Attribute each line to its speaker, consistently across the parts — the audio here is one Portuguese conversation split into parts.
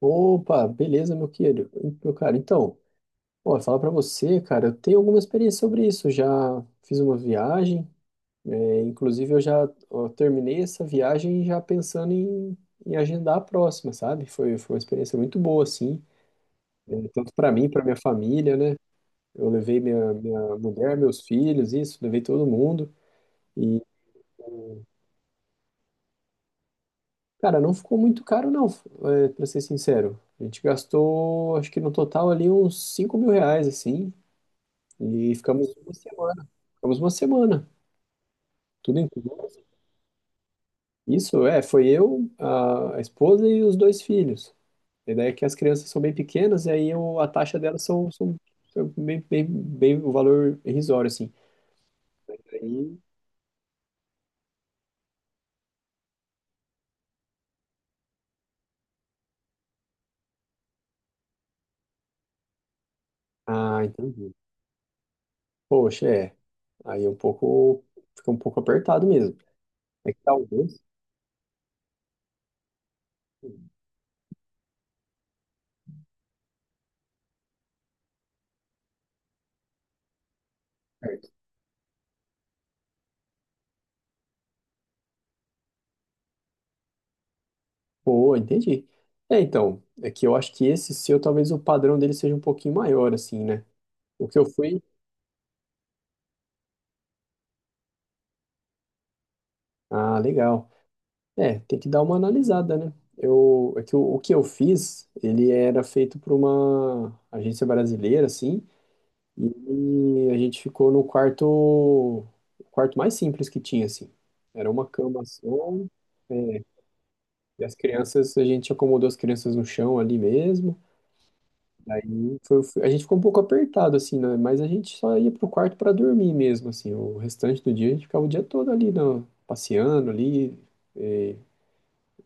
Speaker 1: Opa, beleza, meu querido. Meu cara, então, ó, falar pra você, cara, eu tenho alguma experiência sobre isso. Já fiz uma viagem, inclusive eu já ó, terminei essa viagem já pensando em agendar a próxima, sabe? Foi uma experiência muito boa, assim, tanto pra mim, pra minha família, né? Eu levei minha mulher, meus filhos, isso, levei todo mundo. E, cara, não ficou muito caro, não, pra ser sincero. A gente gastou, acho que no total ali uns 5 mil reais, assim. E ficamos uma semana. Ficamos uma semana, tudo incluso. Isso, foi eu, a esposa e os dois filhos. A ideia é que as crianças são bem pequenas, e aí a taxa delas são bem, bem, bem o valor irrisório, assim. Aí- Ah, entendi. Poxa, é. Aí é um pouco, fica um pouco apertado mesmo. É que talvez. Certo. Pô, entendi. É, então, é que eu acho que esse seu, talvez o padrão dele seja um pouquinho maior, assim, né? O que eu fui. Ah, legal. É, tem que dar uma analisada, né? Eu, é que o que eu fiz, ele era feito por uma agência brasileira, assim, e a gente ficou no quarto, o quarto mais simples que tinha, assim. Era uma cama só, é, e as crianças, a gente acomodou as crianças no chão ali mesmo. Aí a gente ficou um pouco apertado, assim, né? Mas a gente só ia pro quarto para dormir mesmo, assim. O restante do dia a gente ficava o dia todo ali, passeando ali. é,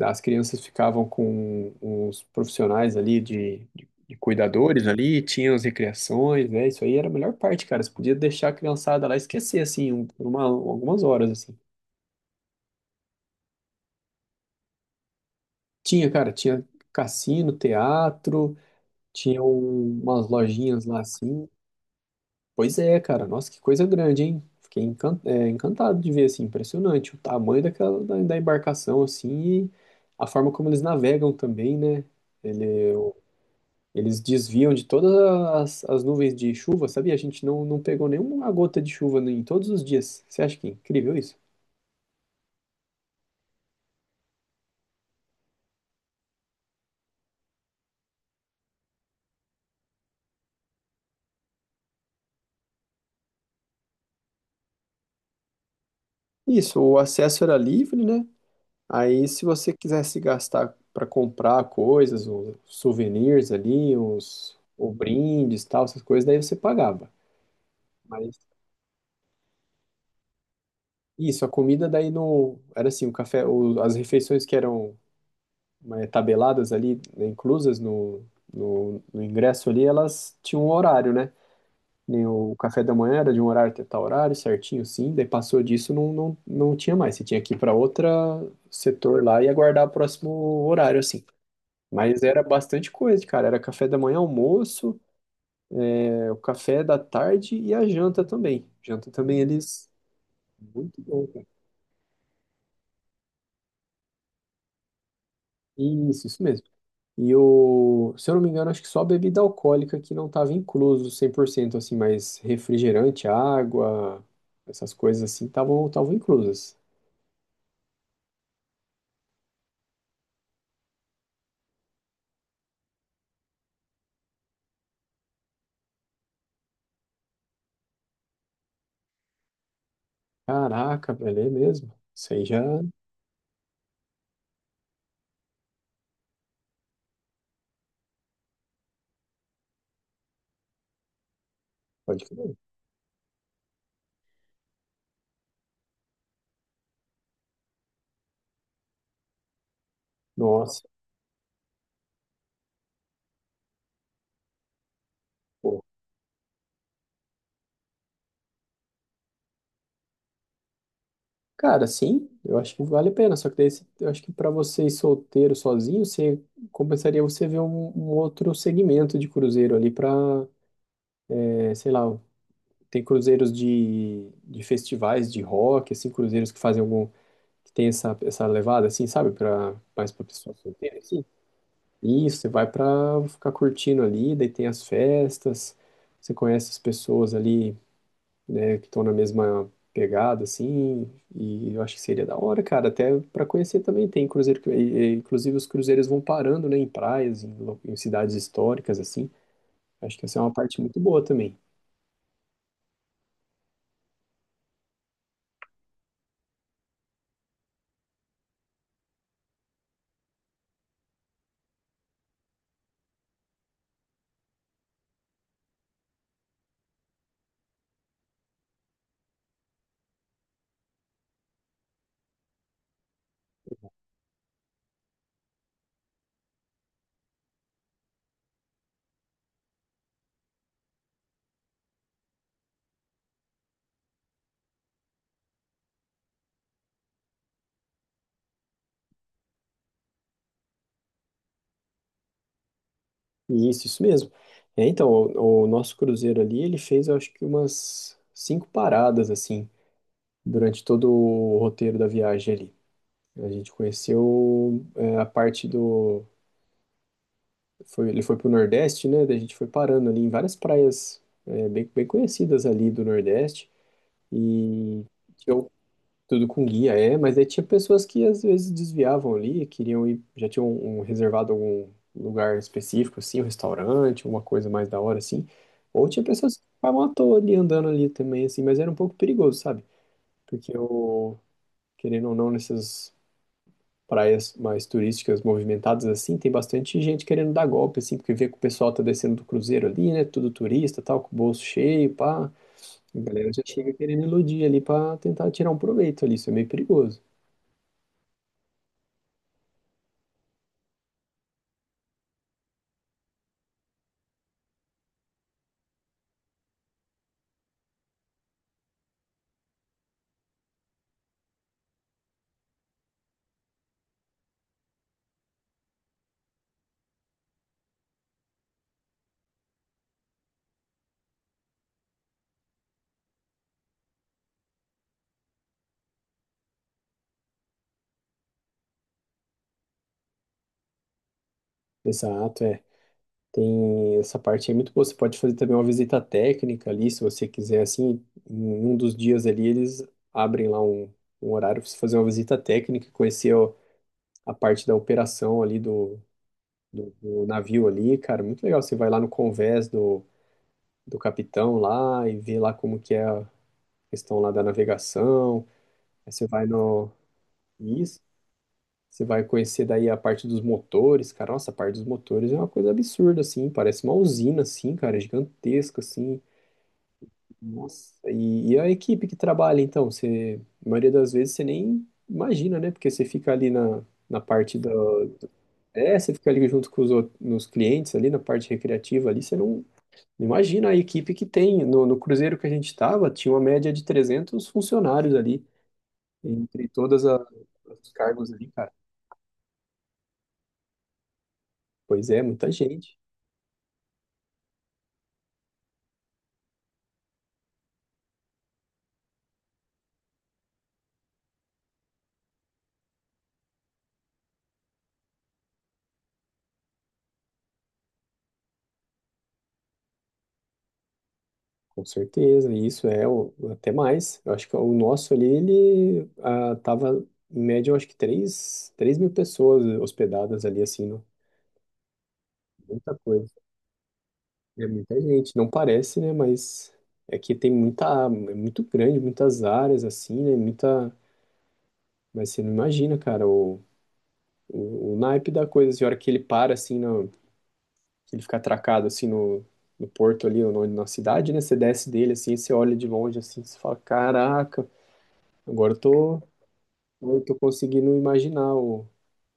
Speaker 1: As crianças ficavam com os profissionais ali de cuidadores ali, tinham as recreações, né? Isso aí era a melhor parte, cara. Você podia deixar a criançada lá e esquecer, assim, por uma, algumas horas, assim. Tinha, cara, tinha cassino, teatro, tinha umas lojinhas lá, assim. Pois é, cara, nossa, que coisa grande, hein? Fiquei encantado de ver, assim, impressionante o tamanho daquela, da embarcação, assim, e a forma como eles navegam também, né? Ele, Eles desviam de todas as nuvens de chuva, sabia? A gente não pegou nenhuma gota de chuva em todos os dias. Você acha que é incrível isso? Isso, o acesso era livre, né? Aí, se você quisesse gastar para comprar coisas, os souvenirs ali, os brindes, tal, essas coisas, daí você pagava. Mas isso, a comida daí no era assim, o café, as refeições que eram, né, tabeladas ali, né, inclusas no ingresso ali, elas tinham um horário, né? Nem o café da manhã era de um horário até tal horário, certinho, sim. Daí passou disso, não tinha mais. Você tinha que ir para outro setor lá e aguardar o próximo horário, assim. Mas era bastante coisa, cara. Era café da manhã, almoço, o café da tarde e a janta também. Janta também eles. Muito bom, cara. Isso mesmo. E o, se eu não me engano, acho que só a bebida alcoólica que não estava incluso 100% assim, mas refrigerante, água, essas coisas assim, estavam inclusas. Caraca, velho, é mesmo. Isso aí já pode crer. Nossa, pô. Cara, sim, eu acho que vale a pena. Só que daí, eu acho que para você ir solteiro, sozinho, você compensaria você ver um outro segmento de cruzeiro ali para, sei lá, tem cruzeiros de festivais de rock, assim, cruzeiros que fazem algum, que tem essa levada, assim, sabe, para mais para pessoa solteira, assim. Isso, você vai para ficar curtindo ali, daí tem as festas, você conhece as pessoas ali, né, que estão na mesma pegada, assim, e eu acho que seria da hora, cara, até para conhecer também, tem cruzeiro, inclusive os cruzeiros vão parando, né, em praias, em cidades históricas, assim, acho que essa é uma parte muito boa também. E isso mesmo, então, o nosso cruzeiro ali, ele fez, eu acho que umas cinco paradas, assim, durante todo o roteiro da viagem ali, a gente conheceu, a parte do. Ele foi pro Nordeste, né? Daí a gente foi parando ali em várias praias, bem, bem conhecidas ali do Nordeste. E tinha o- tudo com guia, mas aí tinha pessoas que às vezes desviavam ali, queriam ir, já tinham um reservado algum lugar específico, assim, um restaurante, uma coisa mais da hora, assim. Ou tinha pessoas que ficavam à toa ali andando ali também, assim, mas era um pouco perigoso, sabe? Porque eu, querendo ou não, nessas praias mais turísticas movimentadas assim, tem bastante gente querendo dar golpe, assim, porque vê que o pessoal tá descendo do cruzeiro ali, né? Tudo turista, tal, com o bolso cheio, pá. A galera já chega querendo iludir ali pra tentar tirar um proveito ali, isso é meio perigoso. Exato, é. Tem essa parte aí é muito boa. Você pode fazer também uma visita técnica ali, se você quiser, assim, em um dos dias ali, eles abrem lá um horário para você fazer uma visita técnica, conhecer, ó, a parte da operação ali do navio ali, cara, muito legal. Você vai lá no convés do capitão lá e vê lá como que é a questão lá da navegação. Aí você vai no, isso, você vai conhecer daí a parte dos motores, cara. Nossa, a parte dos motores é uma coisa absurda assim, parece uma usina assim, cara, gigantesca assim. Nossa, e a equipe que trabalha então, você, a maioria das vezes você nem imagina, né? Porque você fica ali na parte da, você fica ali junto com os outros, nos clientes ali, na parte recreativa ali, você não. Imagina a equipe que tem. No cruzeiro que a gente estava, tinha uma média de 300 funcionários ali, entre todas os cargos ali, cara. Pois é, muita gente, com certeza. E isso é até mais. Eu acho que o nosso ali, ele, tava, em média, eu acho que três mil pessoas hospedadas ali, assim, não? Muita coisa. É muita gente. Não parece, né? Mas é que tem muita. É muito grande, muitas áreas, assim, né? Muita. Mas você não imagina, cara, o naipe da coisa, assim, a hora que ele para, assim, no, que ele fica atracado, assim, no porto ali, ou na cidade, né? Você desce dele, assim, você olha de longe, assim, você fala, caraca, agora eu tô, conseguindo imaginar o,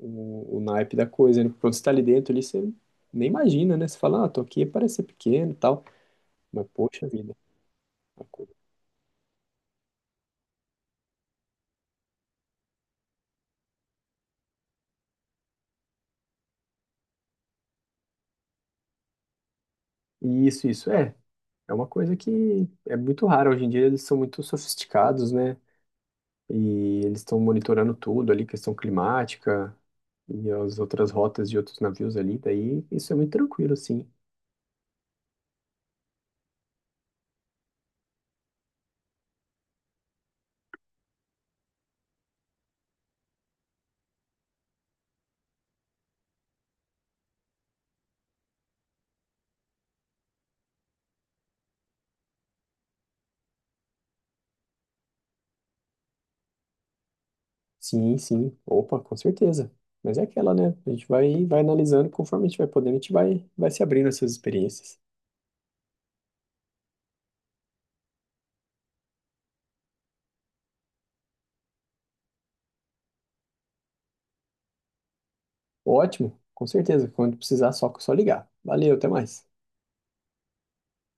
Speaker 1: o, o naipe da coisa, né? Porque quando você tá ali dentro, ali, você nem imagina, né? Você fala, ah, tô aqui, parece ser pequeno e tal, mas poxa vida. a coisa- Isso, isso, é. É uma coisa que é muito rara. Hoje em dia eles são muito sofisticados, né? E eles estão monitorando tudo ali, questão climática e as outras rotas de outros navios ali. Daí isso é muito tranquilo, assim. Sim, sim. Opa, com certeza. Mas é aquela, né? A gente vai analisando conforme a gente vai podendo, a gente vai se abrindo essas experiências. Ótimo, com certeza. Quando precisar, só ligar. Valeu, até mais.